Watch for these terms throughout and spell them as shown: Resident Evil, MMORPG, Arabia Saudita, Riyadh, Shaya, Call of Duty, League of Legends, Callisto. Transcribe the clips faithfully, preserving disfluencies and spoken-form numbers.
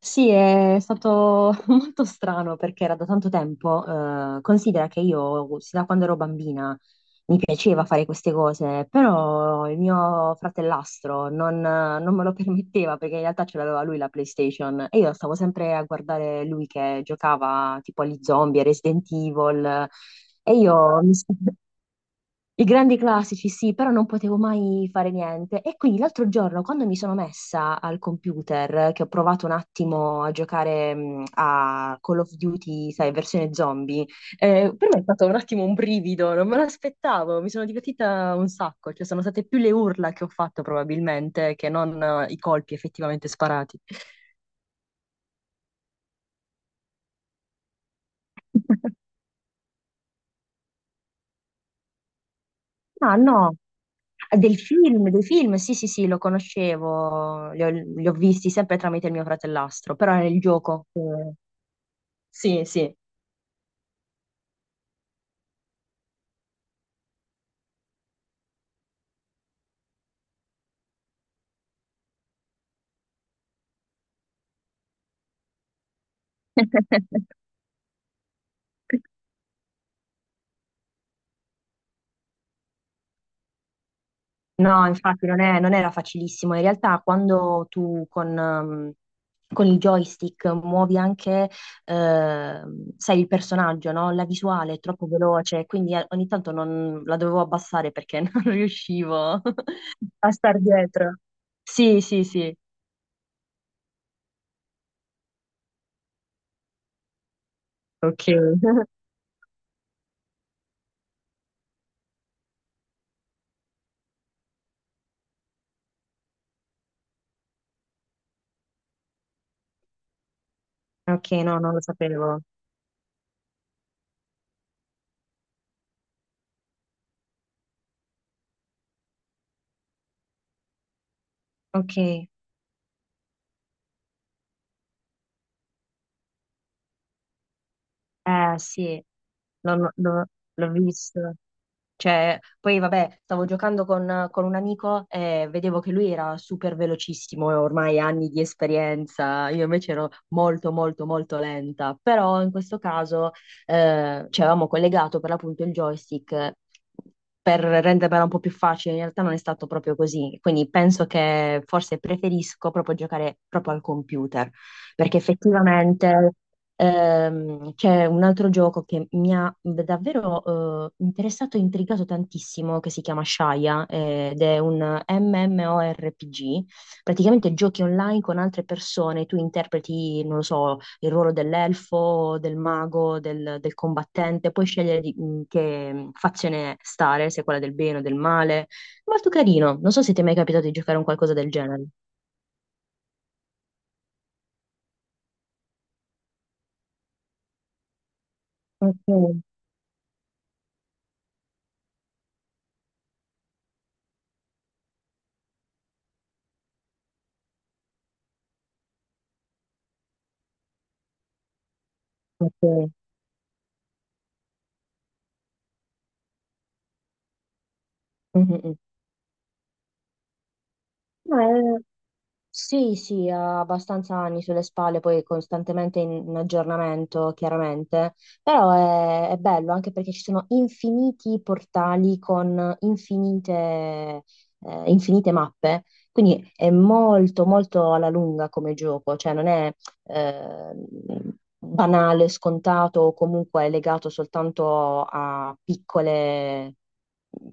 Sì, è stato molto strano perché era da tanto tempo. Eh, considera che io, sin da quando ero bambina, mi piaceva fare queste cose, però il mio fratellastro non, non me lo permetteva perché in realtà ce l'aveva lui la PlayStation e io stavo sempre a guardare lui che giocava tipo agli zombie, a Resident Evil e io mi, i grandi classici, sì, però non potevo mai fare niente. E quindi l'altro giorno, quando mi sono messa al computer, che ho provato un attimo a giocare mh, a Call of Duty, sai, versione zombie, eh, per me è stato un attimo un brivido, non me l'aspettavo, mi sono divertita un sacco, cioè sono state più le urla che ho fatto probabilmente che non eh, i colpi effettivamente sparati. Ah, no. Del film, dei film, sì, sì, sì, lo conoscevo, li ho, li ho visti sempre tramite il mio fratellastro, però era il gioco. eh, Sì, sì. No, infatti non è- non era facilissimo. In realtà quando tu con, ehm, con il joystick muovi anche, ehm, sai, il personaggio, no? La visuale è troppo veloce, quindi eh, ogni tanto non, la dovevo abbassare perché non riuscivo a star dietro. Sì, sì, sì. Ok. Ok, no, non lo sapevo. Ok, eh sì, l'ho l'ho- l'ho visto. Cioè, poi vabbè, stavo giocando con, con un amico e vedevo che lui era super velocissimo e ormai anni di esperienza, io invece ero molto molto molto lenta, però in questo caso eh, ci avevamo collegato per l'appunto il joystick per rendermela un po' più facile, in realtà non è stato proprio così, quindi penso che forse preferisco proprio giocare proprio al computer, perché effettivamente... Ehm, c'è un altro gioco che mi ha davvero eh, interessato e intrigato tantissimo, che si chiama Shaya, eh, ed è un MMORPG. Praticamente giochi online con altre persone, tu interpreti, non lo so, il ruolo dell'elfo, del mago, del, del combattente, puoi scegliere di- in che fazione stare, se quella del bene o del male. Molto carino, non so se ti è mai capitato di giocare a un qualcosa del genere. Ok, ok. Mhm. Sì, sì, ha abbastanza anni sulle spalle, poi costantemente in, in aggiornamento, chiaramente, però è, è bello anche perché ci sono infiniti portali con infinite, eh, infinite mappe, quindi è molto, molto alla lunga come gioco, cioè non è eh, banale, scontato o comunque legato soltanto a piccole,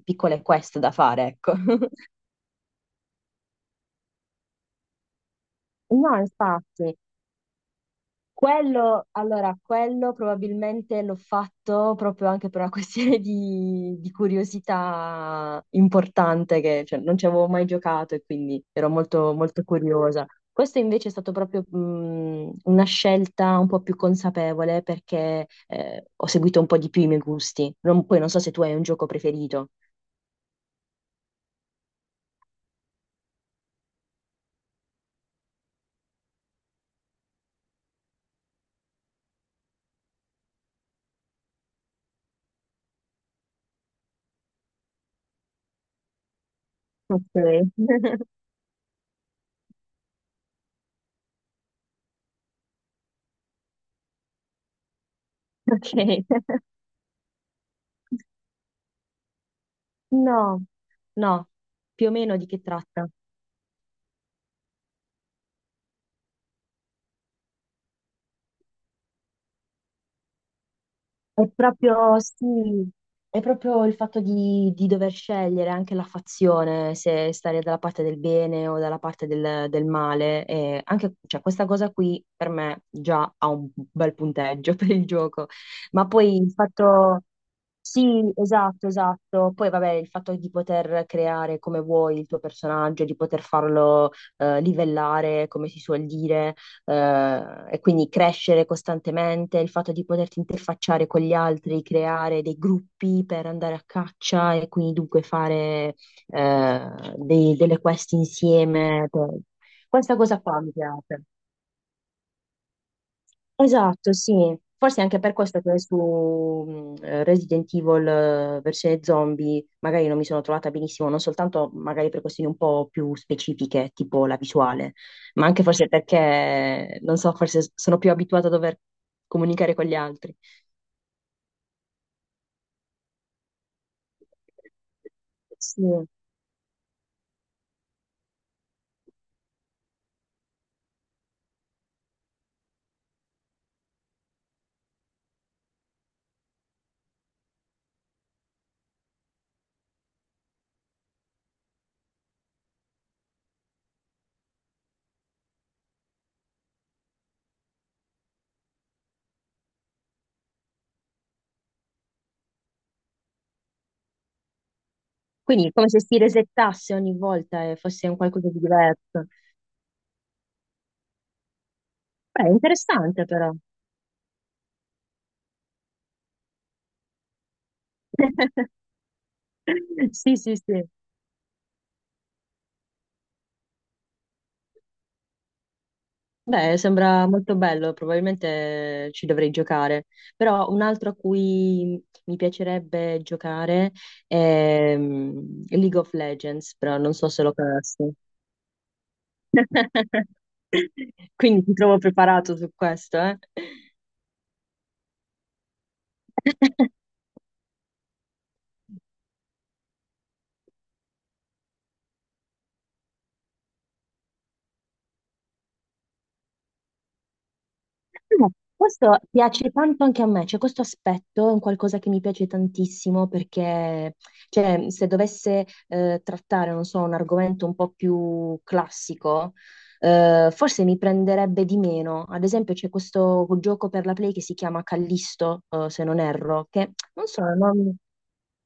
piccole quest da fare, ecco. No, infatti. Quello, allora, quello probabilmente l'ho fatto proprio anche per una questione di, di curiosità importante, che cioè, non ci avevo mai giocato e quindi ero molto, molto curiosa. Questo invece è stato proprio mh, una scelta un po' più consapevole perché eh, ho seguito un po' di più i miei gusti. Non- poi non so se tu hai un gioco preferito. Ok. Ok. No, no, più o meno di che tratta? È proprio, sì, è proprio il fatto di, di dover scegliere anche la fazione, se stare dalla parte del bene o dalla parte del, del male. E anche, cioè, questa cosa qui per me già ha un bel punteggio per il gioco. Ma poi il fatto... Sì, esatto, esatto. Poi vabbè, il fatto di poter creare come vuoi il tuo personaggio, di poter farlo eh, livellare, come si suol dire, eh, e quindi crescere costantemente, il fatto di poterti interfacciare con gli altri, creare dei gruppi per andare a caccia e quindi dunque fare eh, dei- delle quest insieme. Questa cosa qua mi piace. Esatto, sì. Forse è anche per questo che su mh, eh, Resident Evil eh, versione zombie magari non mi sono trovata benissimo, non soltanto magari per questioni un po' più specifiche, tipo la visuale, ma anche forse perché, non so, forse s- sono più abituata a dover comunicare con gli altri. Sì. Quindi come se si resettasse ogni volta e fosse un qualcosa di diverso. Beh, interessante però. Sì, sì, sì. Beh, sembra molto bello, probabilmente ci dovrei giocare, però un altro a cui mi piacerebbe giocare è mm, League of Legends, però non so se lo conosco. Quindi ti trovo preparato su questo, eh? No, questo piace tanto anche a me, cioè questo aspetto è un qualcosa che mi piace tantissimo perché cioè, se dovesse eh, trattare, non so, un argomento un po' più classico, eh, forse mi prenderebbe di meno. Ad esempio c'è questo gioco per la Play che si chiama Callisto, eh, se non erro, che non so, non-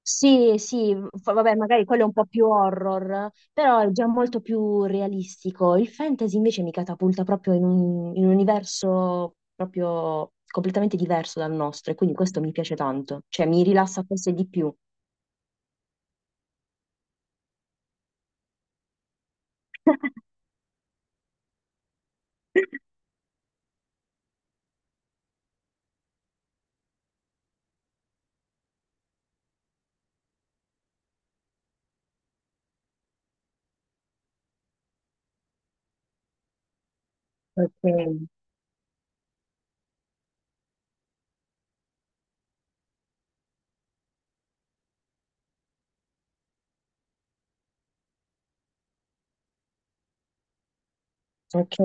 sì, sì, fa- vabbè, magari quello è un po' più horror, però è già molto più realistico. Il fantasy invece mi catapulta proprio in un, in un universo proprio completamente diverso dal nostro e quindi questo mi piace tanto, cioè mi rilassa forse di più. Ok, ok.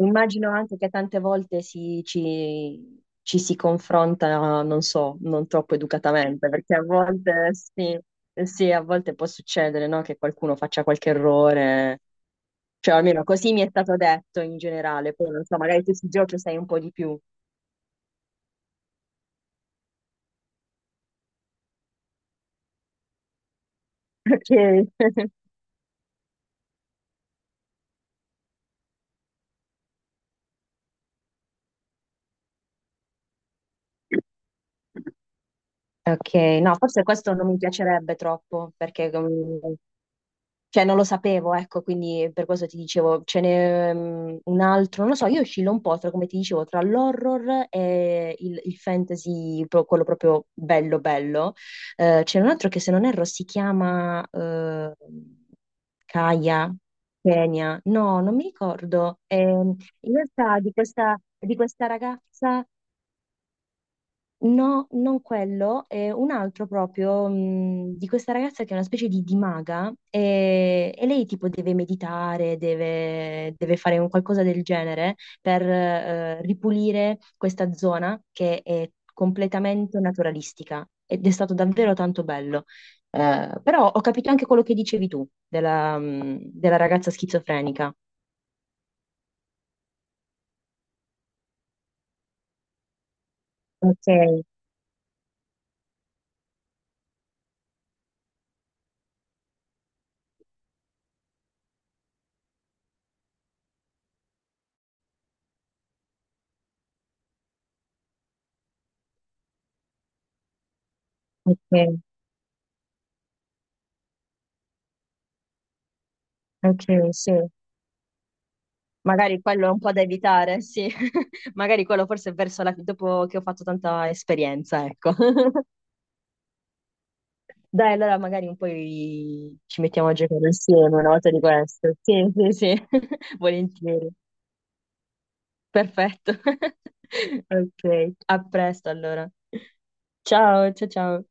Immagino anche che tante volte si- ci, ci si confronta, non so, non troppo educatamente, perché a volte sì, sì, a volte può succedere, no, che qualcuno faccia qualche errore. Cioè, almeno così mi è stato detto in generale. Poi non so, magari tu sui giochi sai un po' di più. Ok. Ok, no, forse questo non mi piacerebbe troppo, perché mm, cioè non lo sapevo, ecco, quindi per questo ti dicevo, ce n'è mm, un altro, non lo so, io oscillo un po' tra, come ti dicevo, tra l'horror e il, il fantasy, pro- quello proprio bello bello. Eh, c'è un altro che se non erro si chiama eh, Kaya, Kenya, no, non mi ricordo. Ehm, in realtà di questa, di questa ragazza no, non quello, è un altro proprio mh, di questa ragazza che è una specie di, di maga e, e lei tipo deve meditare, deve, deve fare un qualcosa del genere per eh, ripulire questa zona che è completamente naturalistica ed è stato davvero tanto bello. Eh, però ho capito anche quello che dicevi tu della, mh, della ragazza schizofrenica. Ok, ok, ok, sì. Magari quello è un po' da evitare, sì. Magari quello forse è verso la... dopo che ho fatto tanta esperienza, ecco. Dai, allora magari un po' i- ci mettiamo a giocare insieme una volta di questo. Sì, sì, sì, volentieri. Perfetto. Ok, a presto allora. Ciao, ciao, ciao.